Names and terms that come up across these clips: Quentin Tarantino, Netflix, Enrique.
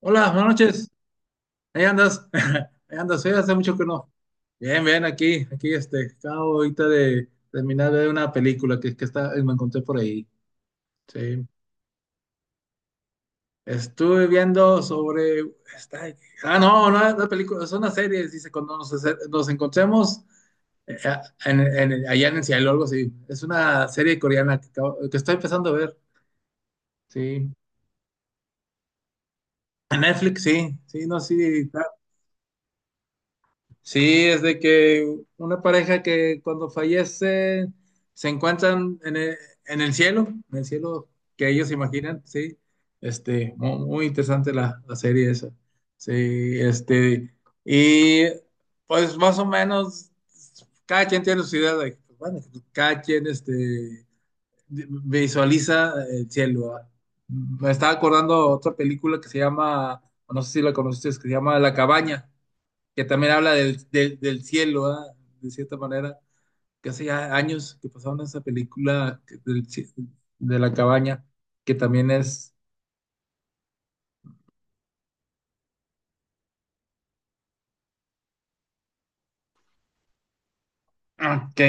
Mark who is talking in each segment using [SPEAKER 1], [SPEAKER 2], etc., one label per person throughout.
[SPEAKER 1] Hola, buenas noches. Ahí andas. Ahí andas. Sí, hace mucho que no. Bien, bien, aquí, aquí. Acabo ahorita de terminar de ver una película que está, me encontré por ahí. Sí. Estuve viendo sobre. Está, ah, no, no es una película, es una serie. Dice, cuando nos encontremos, eh, allá en el cielo, algo así. Es una serie coreana que, que estoy empezando a ver. Sí. En Netflix, sí. Sí, no, sí. Sí, es de que una pareja que cuando fallece se encuentran en el, cielo, en el cielo que ellos imaginan, sí. Muy, interesante la serie esa. Sí, y pues más o menos cada quien tiene su idea de, pues, bueno, cada quien visualiza el cielo, ¿verdad? Me estaba acordando otra película que se llama, no sé si la conociste, que se llama La Cabaña, que también habla del, cielo, ¿verdad? De cierta manera, que hace ya años que pasaron esa película de la cabaña, que también es... Ok.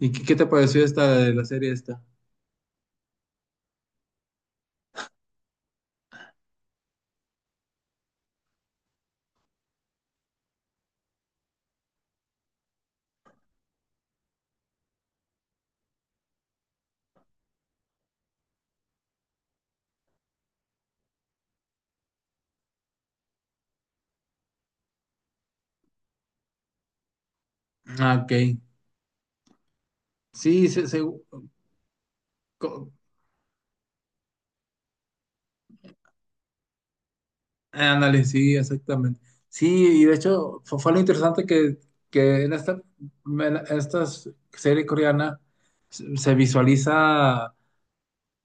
[SPEAKER 1] ¿Y qué te pareció esta de la serie esta? Ah, ok. Sí, se, co- ándale, sí, exactamente. Sí, y de hecho fue, lo interesante que en esta serie coreana se visualiza.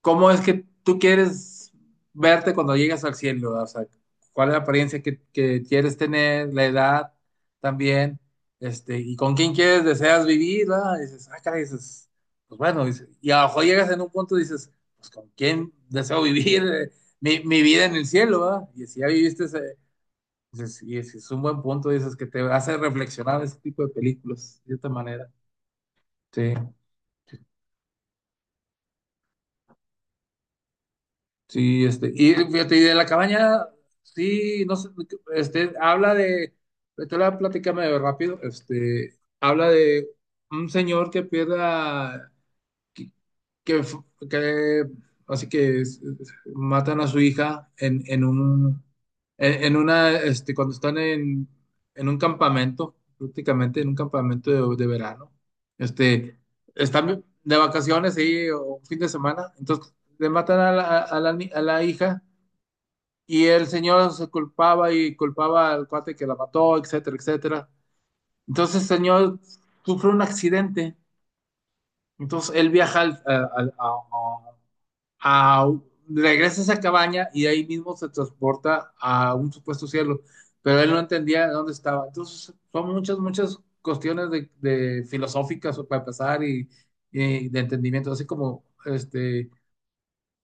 [SPEAKER 1] ¿Cómo es que tú quieres verte cuando llegas al cielo? O sea, ¿cuál es la apariencia que quieres tener? ¿La edad también? ¿Y con quién quieres, deseas vivir, ¿verdad? Y dices, ah, caray, dices, pues bueno, dices, y a lo mejor llegas en un punto y dices, pues con quién deseo vivir, mi vida en el cielo, ¿verdad? Y si ya viviste ese, dices, y es un buen punto, dices, que te hace reflexionar ese tipo de películas, de esta manera. Sí. Sí, y fíjate, y de la cabaña, sí, no sé, habla de, te la platicame rápido, habla de un señor que pierde, que así que matan a su hija en, un en una cuando están en, un campamento, prácticamente en un campamento de verano. Este están de vacaciones ahí o un fin de semana, entonces le matan a la, ni- a la hija y el señor se culpaba y culpaba al cuate que la mató, etcétera, etcétera. Entonces el señor sufre un accidente. Entonces él viaja, a, regresa a esa cabaña y de ahí mismo se transporta a un supuesto cielo, pero él no entendía dónde estaba. Entonces, son muchas, muchas cuestiones de, filosóficas para pasar y de entendimiento, así como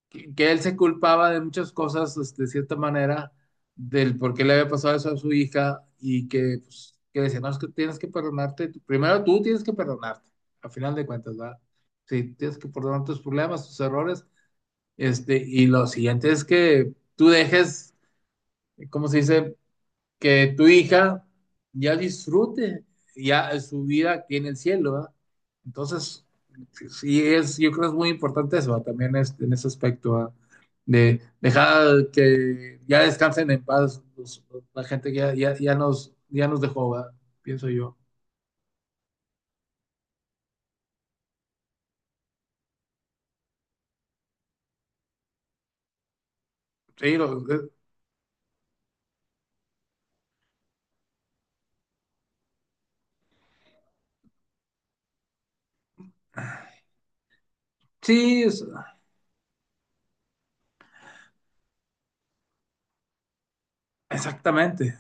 [SPEAKER 1] que él se culpaba de muchas cosas, de cierta manera, del por qué le había pasado eso a su hija y que, pues, que decía, no, es que tienes que perdonarte, primero tú tienes que perdonarte, a final de cuentas, ¿verdad? Sí, tienes que perdonar tus problemas, tus errores, y lo siguiente es que tú dejes, ¿cómo se dice? Que tu hija ya disfrute ya su vida aquí en el cielo, ¿verdad? Entonces, sí es, yo creo que es muy importante eso, ¿verdad? También en ese aspecto, ¿verdad? De dejar que ya descansen en paz la gente que ya, ya, ya nos dejó, ¿verdad? Pienso yo. Sí, sí, exactamente.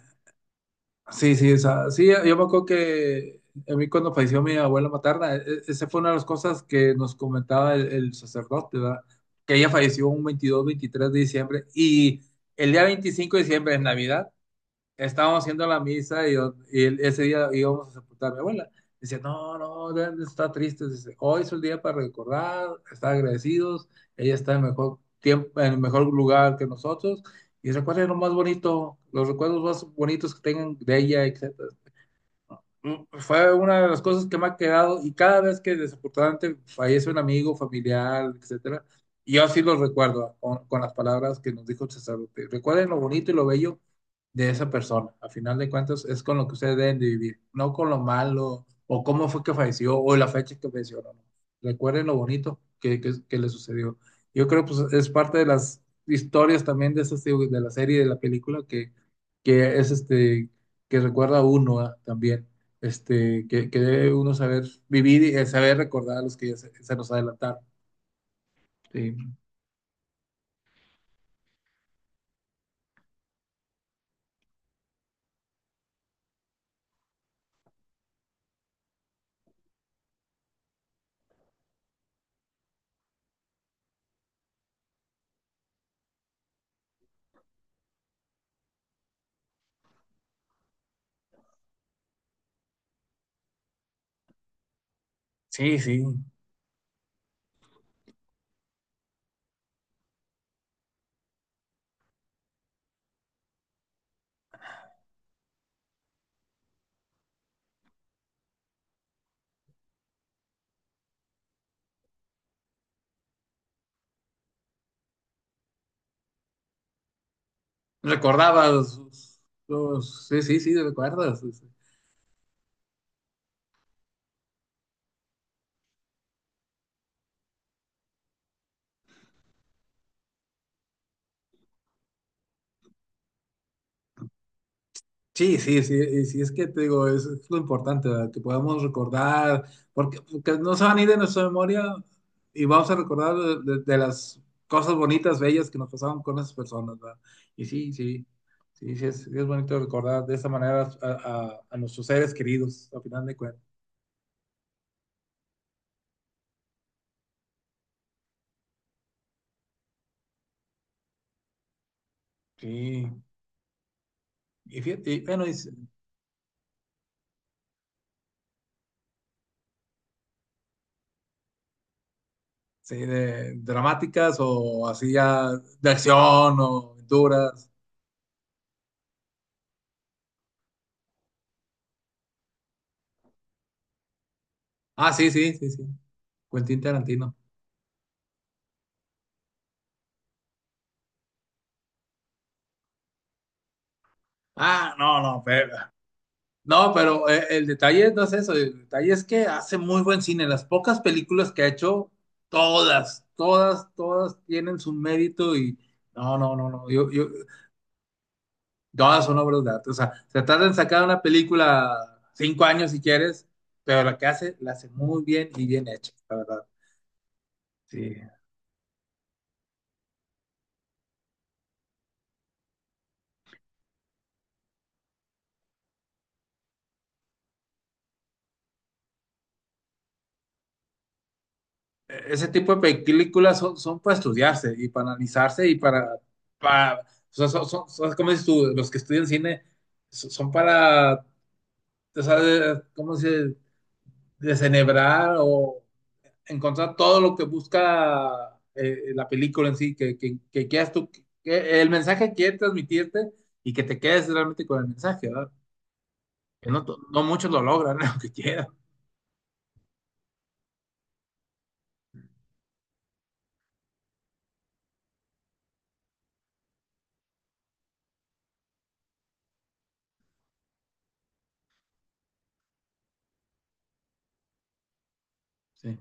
[SPEAKER 1] Sí, sí, o sea, sí, yo me acuerdo que a mí cuando falleció mi abuela materna, esa fue una de las cosas que nos comentaba el, sacerdote, ¿verdad? Que ella falleció un 22, 23 de diciembre, y el día 25 de diciembre, en Navidad, estábamos haciendo la misa y, ese día íbamos a sepultar a mi abuela. Dice, no, no, Dan, está triste. Dice, hoy es el día para recordar, estar agradecidos. Ella está en el mejor tiempo, en el mejor lugar que nosotros. Y recuerden lo más bonito, los recuerdos más bonitos que tengan de ella, etc. Fue una de las cosas que me ha quedado, y cada vez que desafortunadamente fallece un amigo, familiar, etcétera, y yo así lo recuerdo con las palabras que nos dijo el sacerdote. Recuerden lo bonito y lo bello de esa persona. A final de cuentas es con lo que ustedes deben de vivir, no con lo malo o cómo fue que falleció o la fecha que falleció. No, no. Recuerden lo bonito que le sucedió. Yo creo que pues, es parte de las historias también de, esas, digo, de la serie, de la película que, es este que recuerda a uno, ah, también, que debe uno saber vivir y, saber recordar a los que ya se nos adelantaron. Sí, sí, sí. Recordabas los, sí, sí, sí, recuerdas. Sí, sí, sí, sí, sí, y sí, es que te digo, es lo importante, ¿verdad? Que podamos recordar, porque no se van a ir de nuestra memoria y vamos a recordar de las cosas bonitas, bellas que nos pasaron con esas personas, ¿verdad? Y sí, sí, sí, sí, sí es bonito recordar de esa manera, a nuestros seres queridos, al final de cuentas. Sí. Y, fíjate, y bueno, y, sí, de dramáticas o así ya de acción o aventuras. Ah, sí, sí, sí, sí. Quentin Tarantino. Ah, no, no, pero, no, pero, el detalle no es eso. El detalle es que hace muy buen cine. Las pocas películas que ha hecho, todas, todas, todas tienen su mérito, y no, no, no, no. Todas son obras de arte. O sea, se tarda en sacar una película 5 años si quieres, pero la que hace, la hace muy bien y bien hecha, la verdad. Sí. Ese tipo de películas son, son, para estudiarse y para analizarse y para o sea, ¿cómo dices tú? Los que estudian cine son para, o sea, ¿cómo se desenhebrar o encontrar todo lo que busca, la película en sí, que, que quieras tú, que el mensaje que quiere transmitirte y que te quedes realmente con el mensaje, ¿verdad? Que no, no muchos lo logran, lo que quieran. Sí,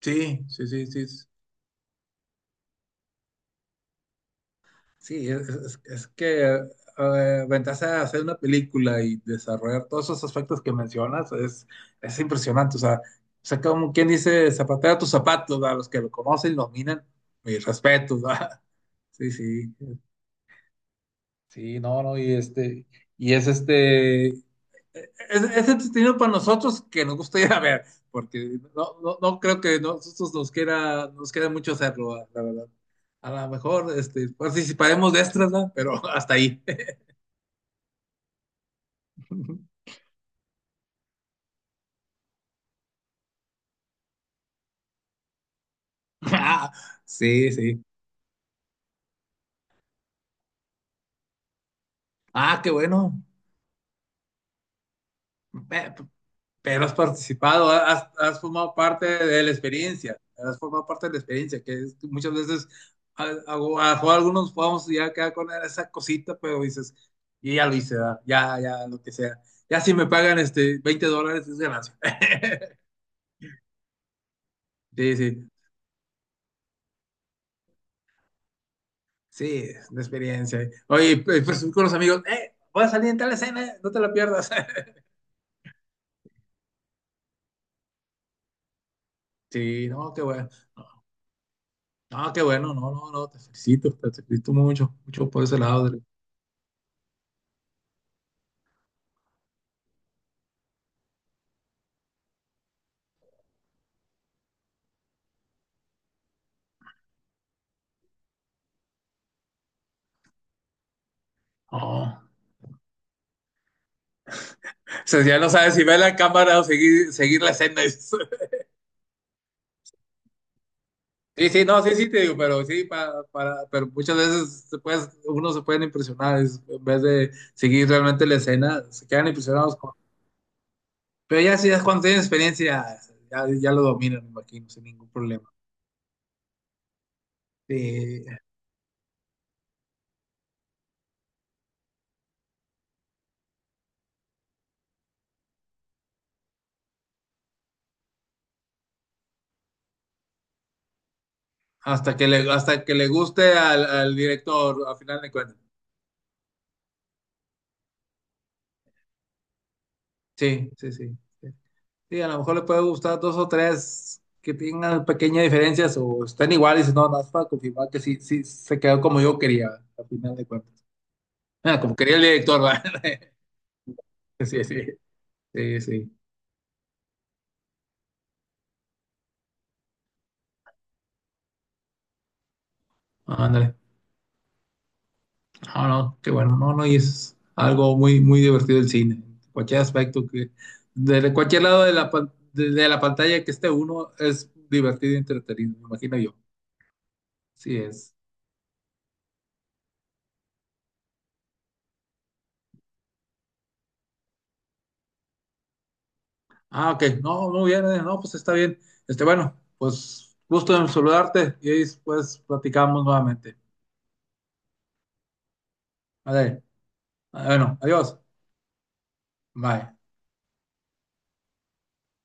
[SPEAKER 1] sí, sí, sí, sí. Sí, es que, ventaja de hacer una película y desarrollar todos esos aspectos que mencionas es impresionante. O sea, como quien dice, zapatero a tus zapatos, a los que lo conocen y lo miran, mis respetos, ¿verdad? Sí, sí, sí, no, no, y y es es entretenido para nosotros que nos gusta ir a ver, porque no, no, no creo que nosotros nos quiera, nos queda mucho hacerlo, la verdad. A lo mejor, participaremos de extras, ¿verdad? Pero hasta ahí. Ah, sí, sí. Ah, qué bueno. Pe- Pero has participado, has formado parte de la experiencia, has formado parte de la experiencia, que muchas veces, a, a- a algunos podemos ya quedar con esa cosita, pero dices, y ya lo hice, ¿verdad? Ya, ya, lo que sea. Ya si me pagan $20 es ganancia. Sí, sí, sí, es una experiencia. Oye, pues, con los amigos, voy a salir en tal escena, no te la pierdas. Sí, no, qué bueno. Ah, qué bueno, no, no, no, te felicito mucho, mucho por ese lado. Adri. No, o sea, ya no sabes si ver la cámara o seguir la escena. Sí, sí, no, sí, sí, te digo, pero sí, para, pero muchas veces uno se pueden impresionar, en vez de seguir realmente la escena, se quedan impresionados con... Pero ya sí, ya cuando tienen experiencia, ya, ya lo dominan, me imagino, sin ningún problema. Sí, hasta que le guste al director, al final de cuentas. Sí, sí, sí. Sí. Sí, a lo mejor le puede gustar dos o tres que tengan pequeñas diferencias o estén iguales. No, no, es para confirmar que sí, sí se quedó como yo quería, al final de cuentas. Ah, como quería el director, ¿verdad? Sí, sí, sí, sí. Ándale. No, no, qué bueno. No, no, y es algo muy, muy divertido el cine. Cualquier aspecto que, de cualquier lado de la pantalla que esté uno, es divertido y entretenido, me imagino yo. Sí, es. Ah, ok. No, no viene. No, pues está bien. Bueno, pues gusto en saludarte y ahí, pues platicamos nuevamente. Vale. Bueno, adiós. Bye.